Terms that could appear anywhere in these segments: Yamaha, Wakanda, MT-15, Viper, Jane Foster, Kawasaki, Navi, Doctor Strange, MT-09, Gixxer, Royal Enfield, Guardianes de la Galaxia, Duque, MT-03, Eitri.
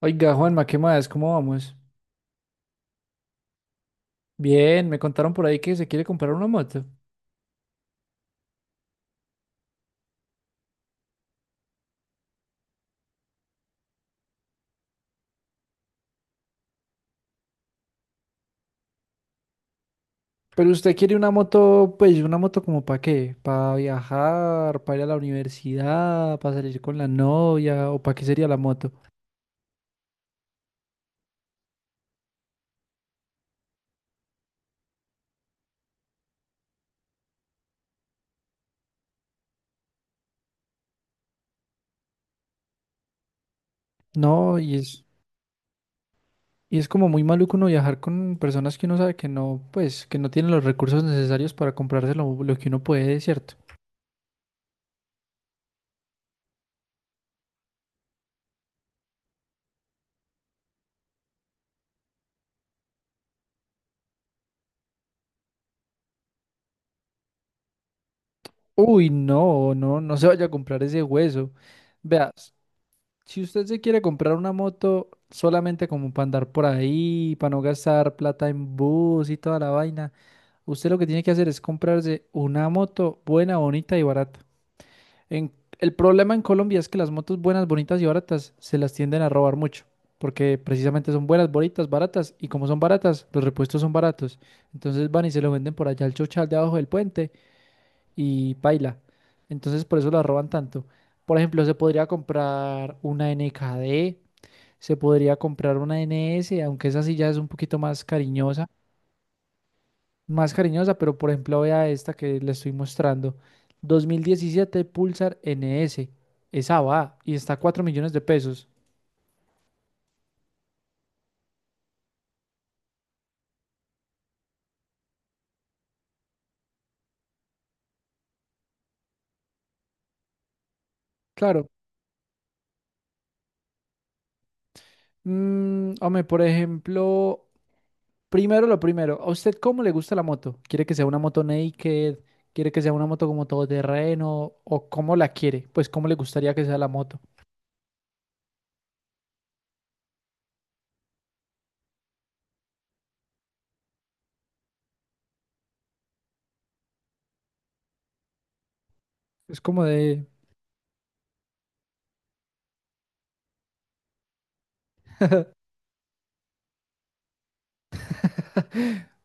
Oiga, Juanma, ¿qué más? ¿Cómo vamos? Bien, me contaron por ahí que se quiere comprar una moto. Pero usted quiere una moto, pues, ¿una moto como para qué? ¿Para viajar? ¿Para ir a la universidad? ¿Para salir con la novia? ¿O para qué sería la moto? No, y es como muy maluco uno viajar con personas que uno sabe que no, pues, que no tienen los recursos necesarios para comprarse lo que uno puede, ¿cierto? Uy, no, no, no se vaya a comprar ese hueso. Veas. Si usted se quiere comprar una moto solamente como para andar por ahí, para no gastar plata en bus y toda la vaina, usted lo que tiene que hacer es comprarse una moto buena, bonita y barata. En- el problema en Colombia es que las motos buenas, bonitas y baratas se las tienden a robar mucho, porque precisamente son buenas, bonitas, baratas, y como son baratas, los repuestos son baratos. Entonces van y se lo venden por allá al chochal de abajo del puente y paila. Entonces por eso las roban tanto. Por ejemplo, se podría comprar una NS, aunque esa sí ya es un poquito más cariñosa, pero por ejemplo vea esta que le estoy mostrando, 2017 Pulsar NS, esa va y está a 4 millones de pesos. Claro, hombre, por ejemplo, primero lo primero, ¿a usted cómo le gusta la moto? ¿Quiere que sea una moto naked? ¿Quiere que sea una moto como todoterreno? ¿O cómo la quiere? Pues cómo le gustaría que sea la moto. Es como de.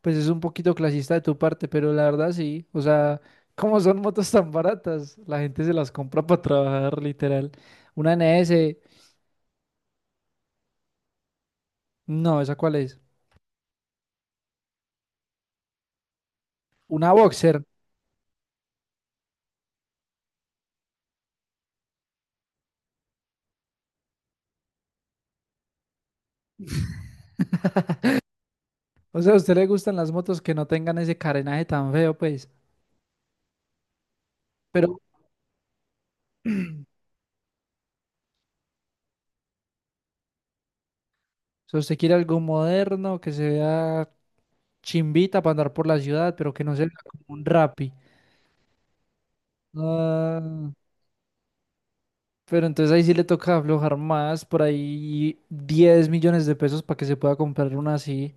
Pues es un poquito clasista de tu parte, pero la verdad sí. O sea, ¿cómo son motos tan baratas? La gente se las compra para trabajar, literal. Una NS, no, ¿esa cuál es? Una Boxer. O sea, a usted le gustan las motos que no tengan ese carenaje tan feo, pues. Pero si usted quiere algo moderno, que se vea chimbita para andar por la ciudad, pero que no se vea como un Rappi. Ah, pero entonces ahí sí le toca aflojar más, por ahí 10 millones de pesos para que se pueda comprar una así.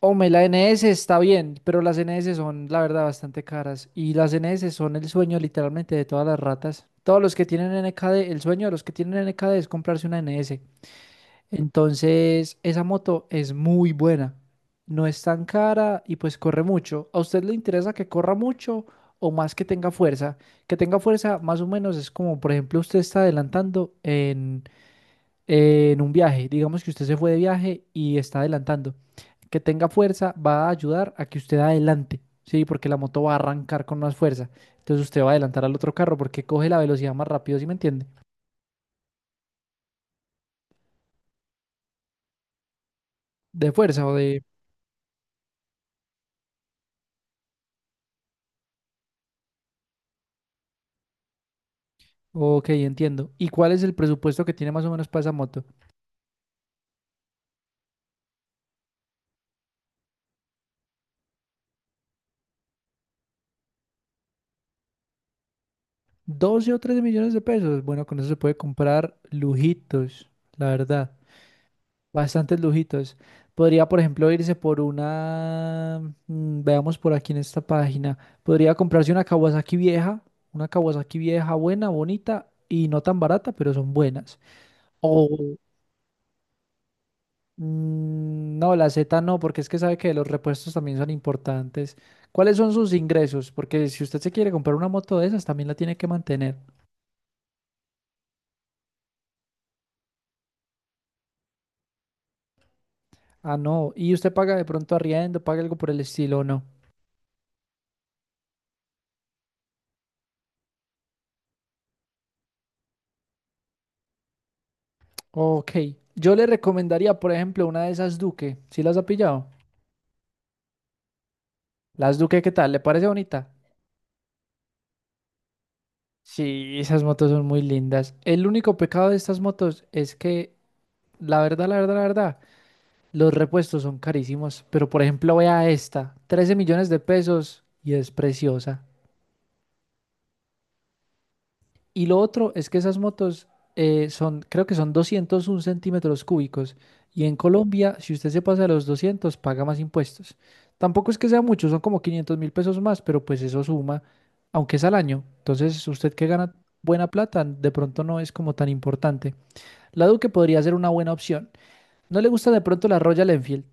Hombre, la N S está bien, pero las N S son, la verdad, bastante caras. Y las N S son el sueño literalmente de todas las ratas. Todos los que tienen N NKD, el sueño de los que tienen N NKD es comprarse una N S. Entonces, esa moto es muy buena. No es tan cara y pues corre mucho. ¿A usted le interesa que corra mucho o más que tenga fuerza? Que tenga fuerza más o menos es como, por ejemplo, usted está adelantando en un viaje. Digamos que usted se fue de viaje y está adelantando. Que tenga fuerza va a ayudar a que usted adelante, ¿sí? Porque la moto va a arrancar con más fuerza. Entonces usted va a adelantar al otro carro porque coge la velocidad más rápido, ¿sí me entiende? De fuerza o de. Ok, entiendo. ¿Y cuál es el presupuesto que tiene más o menos para esa moto? 12 o 13 millones de pesos. Bueno, con eso se puede comprar lujitos, la verdad. Bastantes lujitos. Podría, por ejemplo, irse por una, veamos por aquí en esta página, podría comprarse una Kawasaki vieja buena, bonita y no tan barata, pero son buenas. O, no, la Z no, porque es que sabe que los repuestos también son importantes. ¿Cuáles son sus ingresos? Porque si usted se quiere comprar una moto de esas, también la tiene que mantener. Ah, no. ¿Y usted paga de pronto arriendo, paga algo por el estilo o no? Ok, yo le recomendaría, por ejemplo, una de esas Duque. ¿Sí las ha pillado? Las Duque, ¿qué tal? ¿Le parece bonita? Sí, esas motos son muy lindas. El único pecado de estas motos es que, la verdad, la verdad, la verdad, los repuestos son carísimos. Pero, por ejemplo, vea esta, 13 millones de pesos y es preciosa. Y lo otro es que esas motos son, creo que son 201 centímetros cúbicos. Y en Colombia, si usted se pasa de los 200, paga más impuestos. Tampoco es que sea mucho, son como 500 mil pesos más, pero pues eso suma, aunque es al año. Entonces, usted que gana buena plata, de pronto no es como tan importante. La Duke podría ser una buena opción. ¿No le gusta de pronto la Royal Enfield?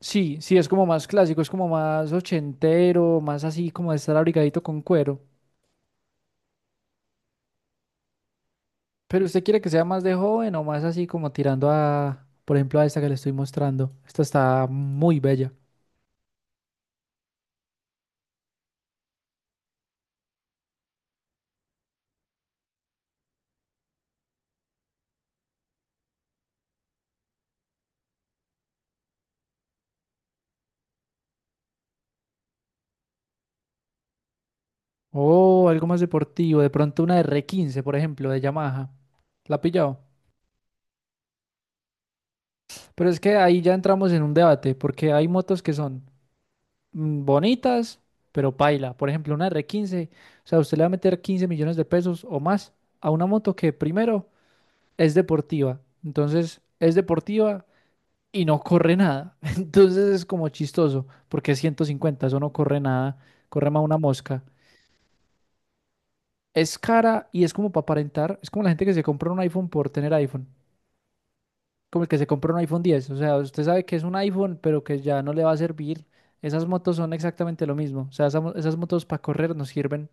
Sí, sí, es como más clásico, es como más ochentero, más así como de estar abrigadito con cuero. Pero usted quiere que sea más de joven o más así como tirando a, por ejemplo, a esta que le estoy mostrando. Esta está muy bella. O algo más deportivo, de pronto una R15, por ejemplo, de Yamaha. ¿La ha pillado? Pero es que ahí ya entramos en un debate, porque hay motos que son bonitas, pero paila. Por ejemplo, una R15. O sea, usted le va a meter 15 millones de pesos o más a una moto que primero es deportiva. Entonces, es deportiva, y no corre nada. Entonces es como chistoso, porque es 150, eso no corre nada, corre más una mosca. Es cara y es como para aparentar, es como la gente que se compra un iPhone por tener iPhone, como el que se compra un iPhone 10, o sea, usted sabe que es un iPhone, pero que ya no le va a servir. Esas motos son exactamente lo mismo, o sea, esas motos para correr nos sirven.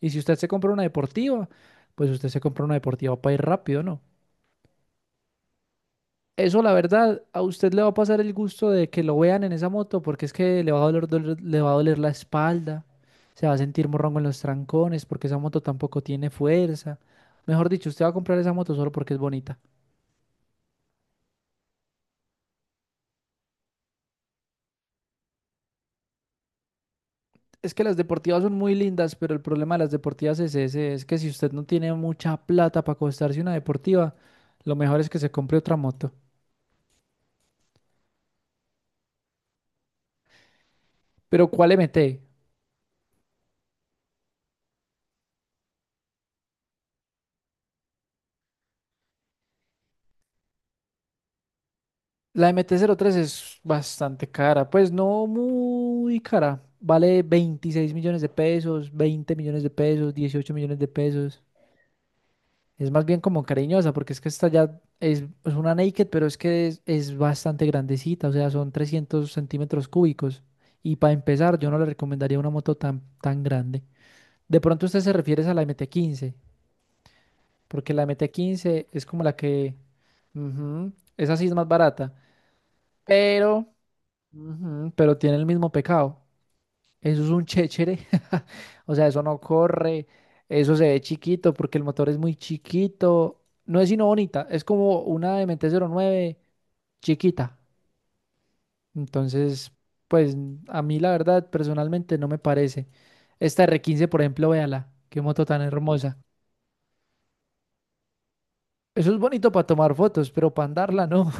Y si usted se compra una deportiva, pues usted se compra una deportiva para ir rápido, ¿no? Eso, la verdad, a usted le va a pasar el gusto de que lo vean en esa moto, porque es que le va a le va a doler la espalda, se va a sentir morrongo en los trancones, porque esa moto tampoco tiene fuerza. Mejor dicho, usted va a comprar esa moto solo porque es bonita. Es que las deportivas son muy lindas, pero el problema de las deportivas es ese, es que si usted no tiene mucha plata para costarse una deportiva, lo mejor es que se compre otra moto. Pero ¿cuál MT? La MT-03 es bastante cara, pues no muy cara. Vale 26 millones de pesos, 20 millones de pesos, 18 millones de pesos. Es más bien como cariñosa, porque es que esta ya es una naked, pero es que es bastante grandecita, o sea, son 300 centímetros cúbicos. Y para empezar, yo no le recomendaría una moto tan, tan grande. De pronto usted se refiere a la MT-15, porque la MT-15 es como la que. Ujú, esa sí es más barata, pero. Ujú, pero tiene el mismo pecado. Eso es un chéchere. O sea, eso no corre. Eso se ve chiquito porque el motor es muy chiquito. No es sino bonita. Es como una MT-09 chiquita. Entonces, pues a mí la verdad personalmente no me parece. Esta R15, por ejemplo, véala. Qué moto tan hermosa. Eso es bonito para tomar fotos, pero para andarla no.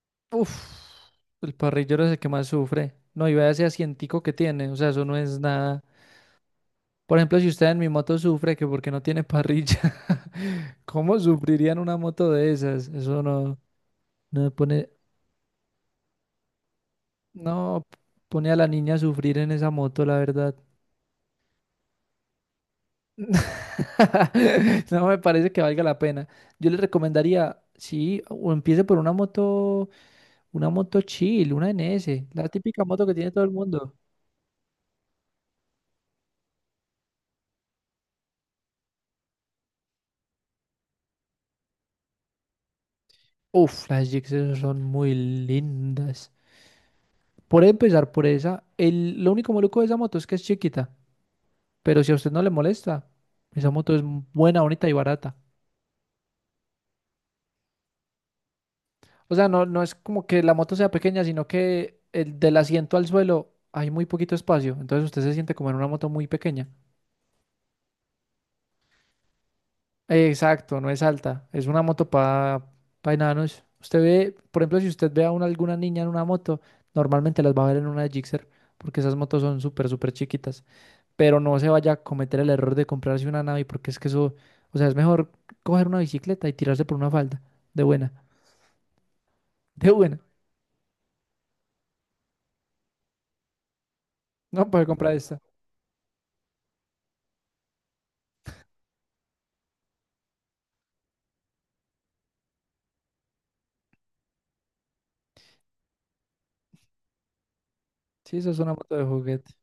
Uf, el parrillero es el que más sufre. No, y vea ese asientico que tiene. O sea, eso no es nada. Por ejemplo, si usted en mi moto sufre que porque no tiene parrilla, ¿cómo sufriría en una moto de esas? Eso no, no me pone, no pone a la niña a sufrir en esa moto, la verdad. No me parece que valga la pena. Yo le recomendaría, sí, o empiece por una moto chill, una NS, la típica moto que tiene todo el mundo. Uf, las Gixxer son muy lindas. Por empezar por esa, lo único maluco de esa moto es que es chiquita. Pero si a usted no le molesta, esa moto es buena, bonita y barata. O sea, no, no es como que la moto sea pequeña, sino que del asiento al suelo hay muy poquito espacio. Entonces usted se siente como en una moto muy pequeña. Exacto, no es alta. Es una moto para pa enanos. Usted ve, por ejemplo, si usted ve a alguna niña en una moto, normalmente las va a ver en una Gixxer, porque esas motos son súper, súper chiquitas. Pero no se vaya a cometer el error de comprarse una Navi, porque es que eso, o sea, es mejor coger una bicicleta y tirarse por una falda de buena. De buena. No, puede comprar esta. Sí, esa es una moto de juguete.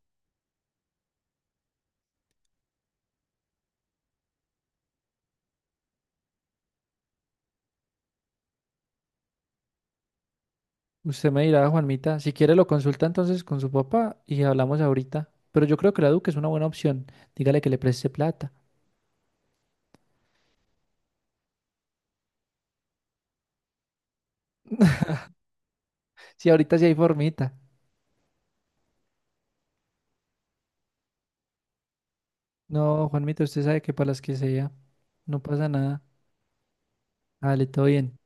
Usted me dirá, Juanmita, si quiere lo consulta entonces con su papá y hablamos ahorita. Pero yo creo que la Duque es una buena opción. Dígale que le preste plata. Sí, ahorita sí hay formita. No, Juanmita, usted sabe que para las que sea, no pasa nada. Dale, todo bien.